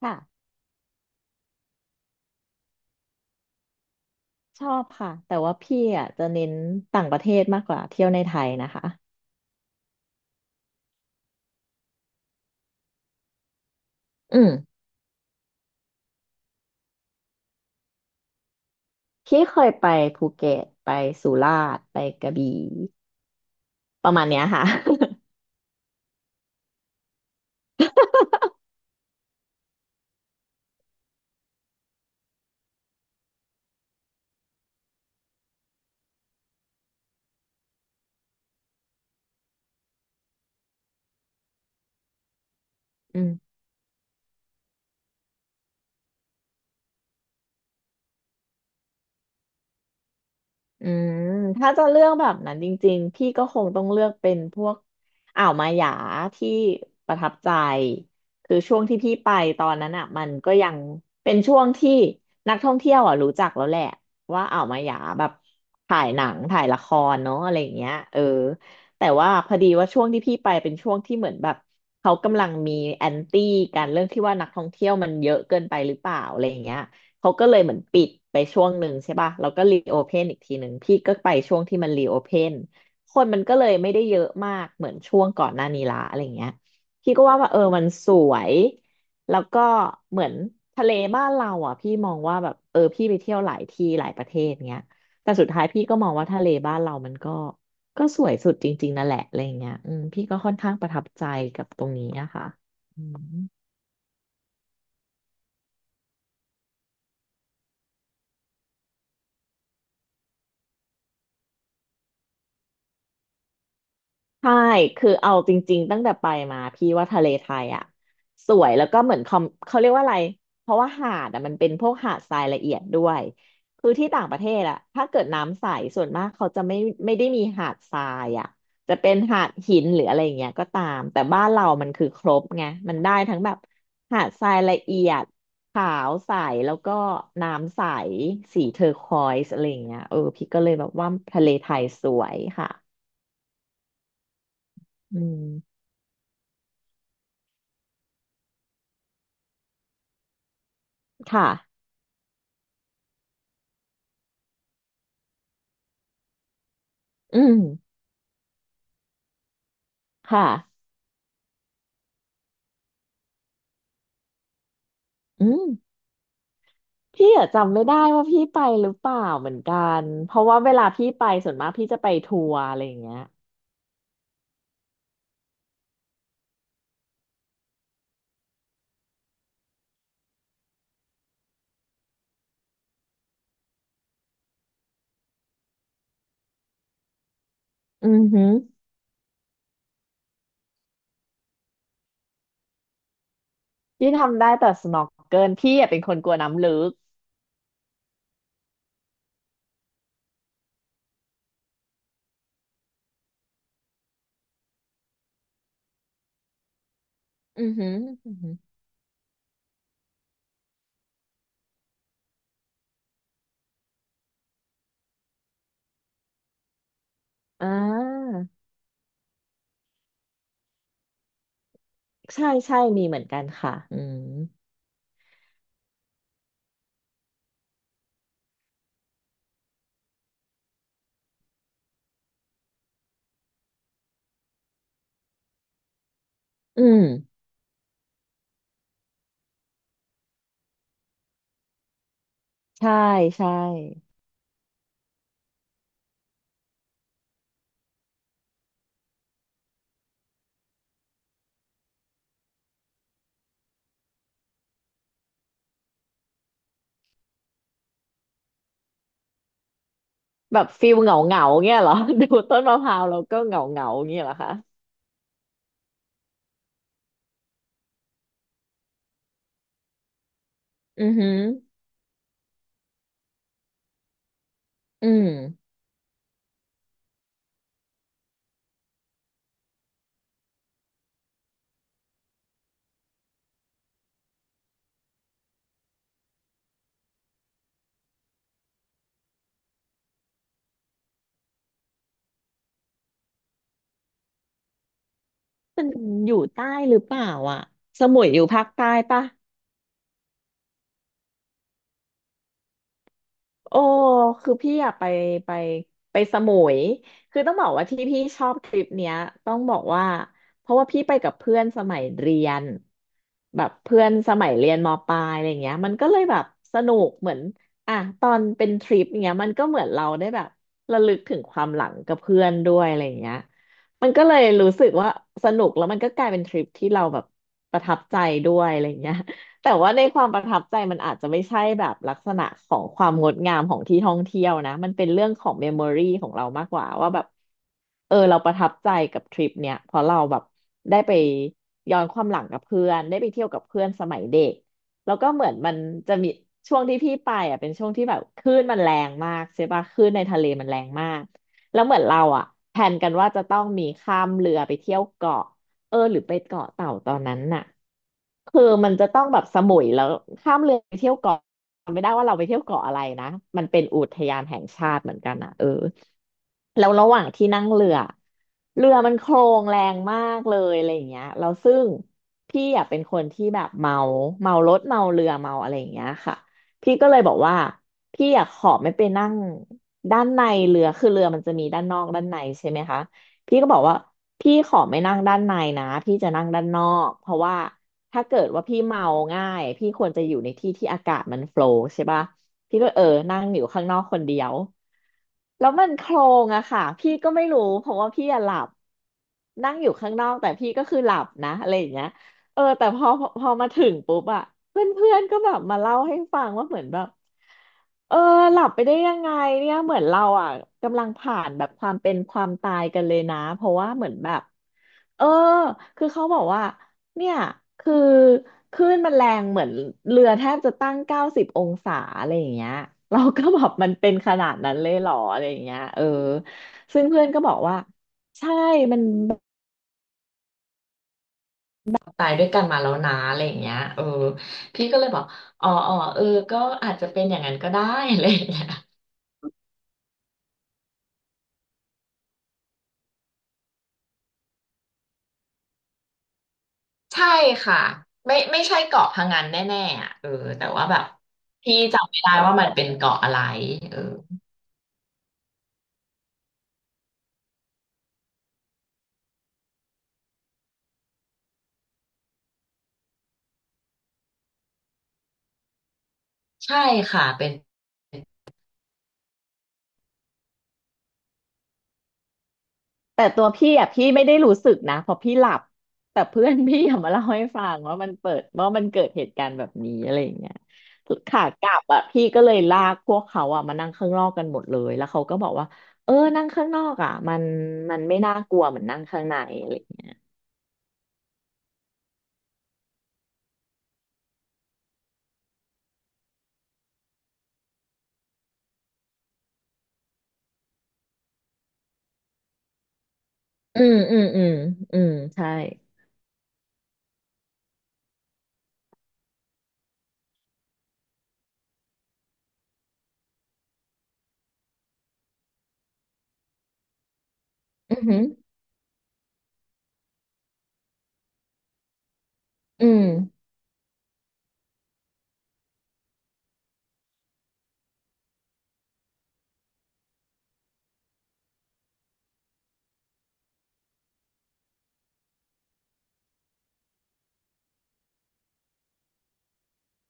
ค่ะชอบค่ะแต่ว่าพี่อ่ะจะเน้นต่างประเทศมากกว่าเที่ยวในไทยนะคะอืมพี่เคยไปภูเก็ตไปสุราษฎร์ไปกระบี่ประมาณเนี้ยค่ะ อืม อืมถ้าจะเลือกแบบนั้นจริงๆพี่ก็คงต้องเลือกเป็นพวกอ่าวมาหยาที่ประทับใจคือช่วงที่พี่ไปตอนนั้นอ่ะมันก็ยังเป็นช่วงที่นักท่องเที่ยวอ่ะรู้จักแล้วแหละว่าอ่าวมาหยาแบบถ่ายหนังถ่ายละครเนาะอะไรอย่างเงี้ยเออแต่ว่าพอดีว่าช่วงที่พี่ไปเป็นช่วงที่เหมือนแบบเขากำลังมีแอนตี้กันเรื่องที่ว่านักท่องเที่ยวมันเยอะเกินไปหรือเปล่าอะไรอย่างเงี้ย เขาก็เลยเหมือนปิดไปช่วงหนึ่งใช่ป่ะแล้วก็รีโอเพนอีกทีหนึ่งพี่ก็ไปช่วงที่มันรีโอเพนคนมันก็เลยไม่ได้เยอะมากเหมือนช่วงก่อนหน้านี้ละอะไรเงี้ยพี่ก็ว่าเออมันสวยแล้วก็เหมือนทะเลบ้านเราอ่ะพี่มองว่าแบบเออพี่ไปเที่ยวหลายที่หลายประเทศเงี้ยแต่สุดท้ายพี่ก็มองว่าทะเลบ้านเรามันก็สวยสุดจริงๆนั่นแหละอะไรอย่างเงี้ยอืมพี่ก็ค่อนข้างประทับใจกับตรงนี้นะคะอืม ใช่คือเอาจริงๆตั้งแต่ไปมาพี่ว่าทะเลไทยอ่ะสวยแล้วก็เหมือนคอมเขาเรียกว่าอะไรเพราะว่าหาดอ่ะมันเป็นพวกหาดทรายละเอียดด้วยคือที่ต่างประเทศอ่ะถ้าเกิดน้ำใสส่วนมากเขาจะไม่ได้มีหาดทรายอ่ะจะเป็นหาดหินหรืออะไรอย่างเงี้ยก็ตามแต่บ้านเรามันคือครบไงมันได้ทั้งแบบหาดทรายละเอียดขาวใสแล้วก็น้ำใสสีเทอร์ควอยซ์อะไรอย่างเงี้ยเออพี่ก็เลยแบบว่าทะเลไทยสวยค่ะอืมค่ะ อืมค่ะอืมพี่อะจำไม่ได้ว่าพี่ไปหรือเปล่าเหมือนกันเพราะว่าเวลาพี่ไปส่วนมากพี่จะไปทัวร์อะไรอย่างเงี้ยอือหือพี่ทำได้แต่ snorkel พี่อะเป็นคนกลัวน้ำลึกอือหืออือหืออ่าใช่ใช่มีเหมือนกันค่ะอืมอืมใช่ใช่แบบฟิลเหงาเหงาเงี้ยเหรอ ดูต้นมะพร้าวแล้วก็เหงาเหงาเงี้ยเหรอคะอือหืออืมมันอยู่ใต้หรือเปล่าอ่ะสมุยอยู่ภาคใต้ปะ โอ้คือพี่อยากไปไปสมุยคือต้องบอกว่าที่พี่ชอบทริปเนี้ยต้องบอกว่าเพราะว่าพี่ไปกับเพื่อนสมัยเรียนแบบเพื่อนสมัยเรียนมปลายอะไรเงี้ยมันก็เลยแบบสนุกเหมือนอ่ะตอนเป็นทริปเงี้ยมันก็เหมือนเราได้แบบระลึกถึงความหลังกับเพื่อนด้วยอะไรเงี้ยมันก็เลยรู้สึกว่าสนุกแล้วมันก็กลายเป็นทริปที่เราแบบประทับใจด้วยอะไรเงี้ย แต่ว่าในความประทับใจมันอาจจะไม่ใช่แบบลักษณะของความงดงามของที่ท่องเที่ยวนะมันเป็นเรื่องของเมมโมรีของเรามากกว่าว่าแบบเออเราประทับใจกับทริปเนี้ยเพราะเราแบบได้ไปย้อนความหลังกับเพื่อนได้ไปเที่ยวกับเพื่อนสมัยเด็กแล้วก็เหมือนมันจะมีช่วงที่พี่ไปอ่ะเป็นช่วงที่แบบคลื่นมันแรงมากใช่ปะคลื่นในทะเลมันแรงมากแล้วเหมือนเราอ่ะแผนกันว่าจะต้องมีข้ามเรือไปเที่ยวเกาะ เออหรือไปเกาะเต่าตอนนั้นน่ะคือมันจะต้องแบบสมุยแล้วข้ามเรือไปเที่ยวเกาะไม่ได้ว่าเราไปเที่ยวเกาะอะไรนะมันเป็นอุทยานแห่งชาติเหมือนกันอ่ะเออแล้วระหว่างที่นั่งเรือเรือมันโคลงแรงมากเลยอะไรอย่างเงี้ยแล้วซึ่งพี่อ่ะเป็นคนที่แบบเมาเมารถเมาเรือเมาอะไรอย่างเงี้ยค่ะพี่ก็เลยบอกว่าพี่อยากขอไม่ไปนั่งด้านในเรือคือเรือมันจะมีด้านนอกด้านในใช่ไหมคะ พี่ก็บอกว่าพี่ขอไม่นั่งด้านในนะพี่จะนั่งด้านนอกเพราะว่าถ้าเกิดว่าพี่เมาง่ายพี่ควรจะอยู่ในที่ที่อากาศมันโฟลว์ใช่ปะพี่ก็เออนั่งอยู่ข้างนอกคนเดียวแล้วมันโคลงอะค่ะพี่ก็ไม่รู้เพราะว่าพี่อะหลับนั่งอยู่ข้างนอกแต่พี่ก็คือหลับนะอะไรอย่างเงี้ยเออแต่พอมาถึงปุ๊บอะเพื่อนเพื่อนก็แบบมาเล่าให้ฟังว่าเหมือนแบบ เออหลับไปได้ยังไงเนี่ยเหมือนเราอ่ะกำลังผ่านแบบความเป็นความตายกันเลยนะเพราะว่าเหมือนแบบเออคือเขาบอกว่าเนี่ยคือคลื่นมันแรงเหมือนเรือแทบจะตั้ง90 องศาอะไรอย่างเงี้ยเราก็แบบมันเป็นขนาดนั้นเลยเหรออะไรอย่างเงี้ยเออซึ่งเพื่อนก็บอกว่าใช่มันตายด้วยกันมาแล้วนะอะไรอย่างเงี้ยเออพี่ก็เลยบอกอ๋ออ๋อเออก็อาจจะเป็นอย่างนั้นก็ได้ อะไรอย่างเงี้ย ใช่ค่ะไม่ใช่เกาะพะงันแน่ๆอ่ะเออแต่ว่าแบบพี่จำไม่ได้ว่ามันเป็นเกาะอะไรเออใช่ค่ะเป็นแต่ตัวพี่อ่ะพี่ไม่ได้รู้สึกนะเพราะพี่หลับแต่เพื่อนพี่อะมาเล่าให้ฟังว่ามันเปิดว่ามันเกิดเหตุการณ์แบบนี้อะไรอย่างเงี้ยขากลับอ่ะพี่ก็เลยลากพวกเขาอ่ะมานั่งข้างนอกกันหมดเลยแล้วเขาก็บอกว่าเออนั่งข้างนอกอ่ะมันไม่น่ากลัวเหมือนนั่งข้างในอะไรอย่างเงี้ยอืมอืมอืมอืมใช่อือหืออืม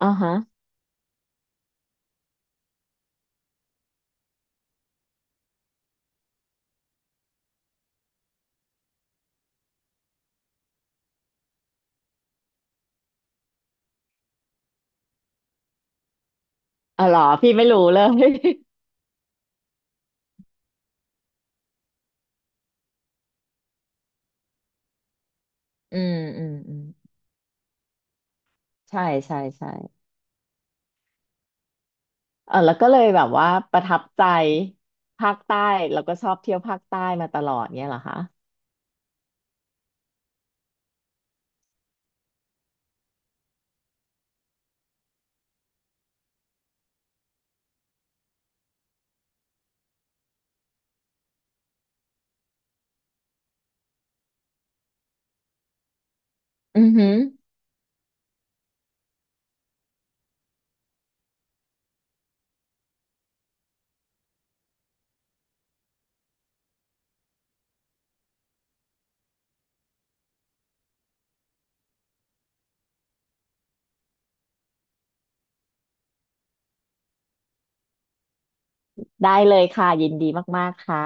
อ่าฮะอ๋อเหรอพี่ไม่รู้เลย อืมอืมอืมใช่ใช่ใช่เออแล้วก็เลยแบบว่าประทับใจภาคใต้แล้วก็ชอบเที่ยวภาคใต้มาตลอดเนี่ยเหรอคะอือหือได้เลยค่ะยินดีมากๆค่ะ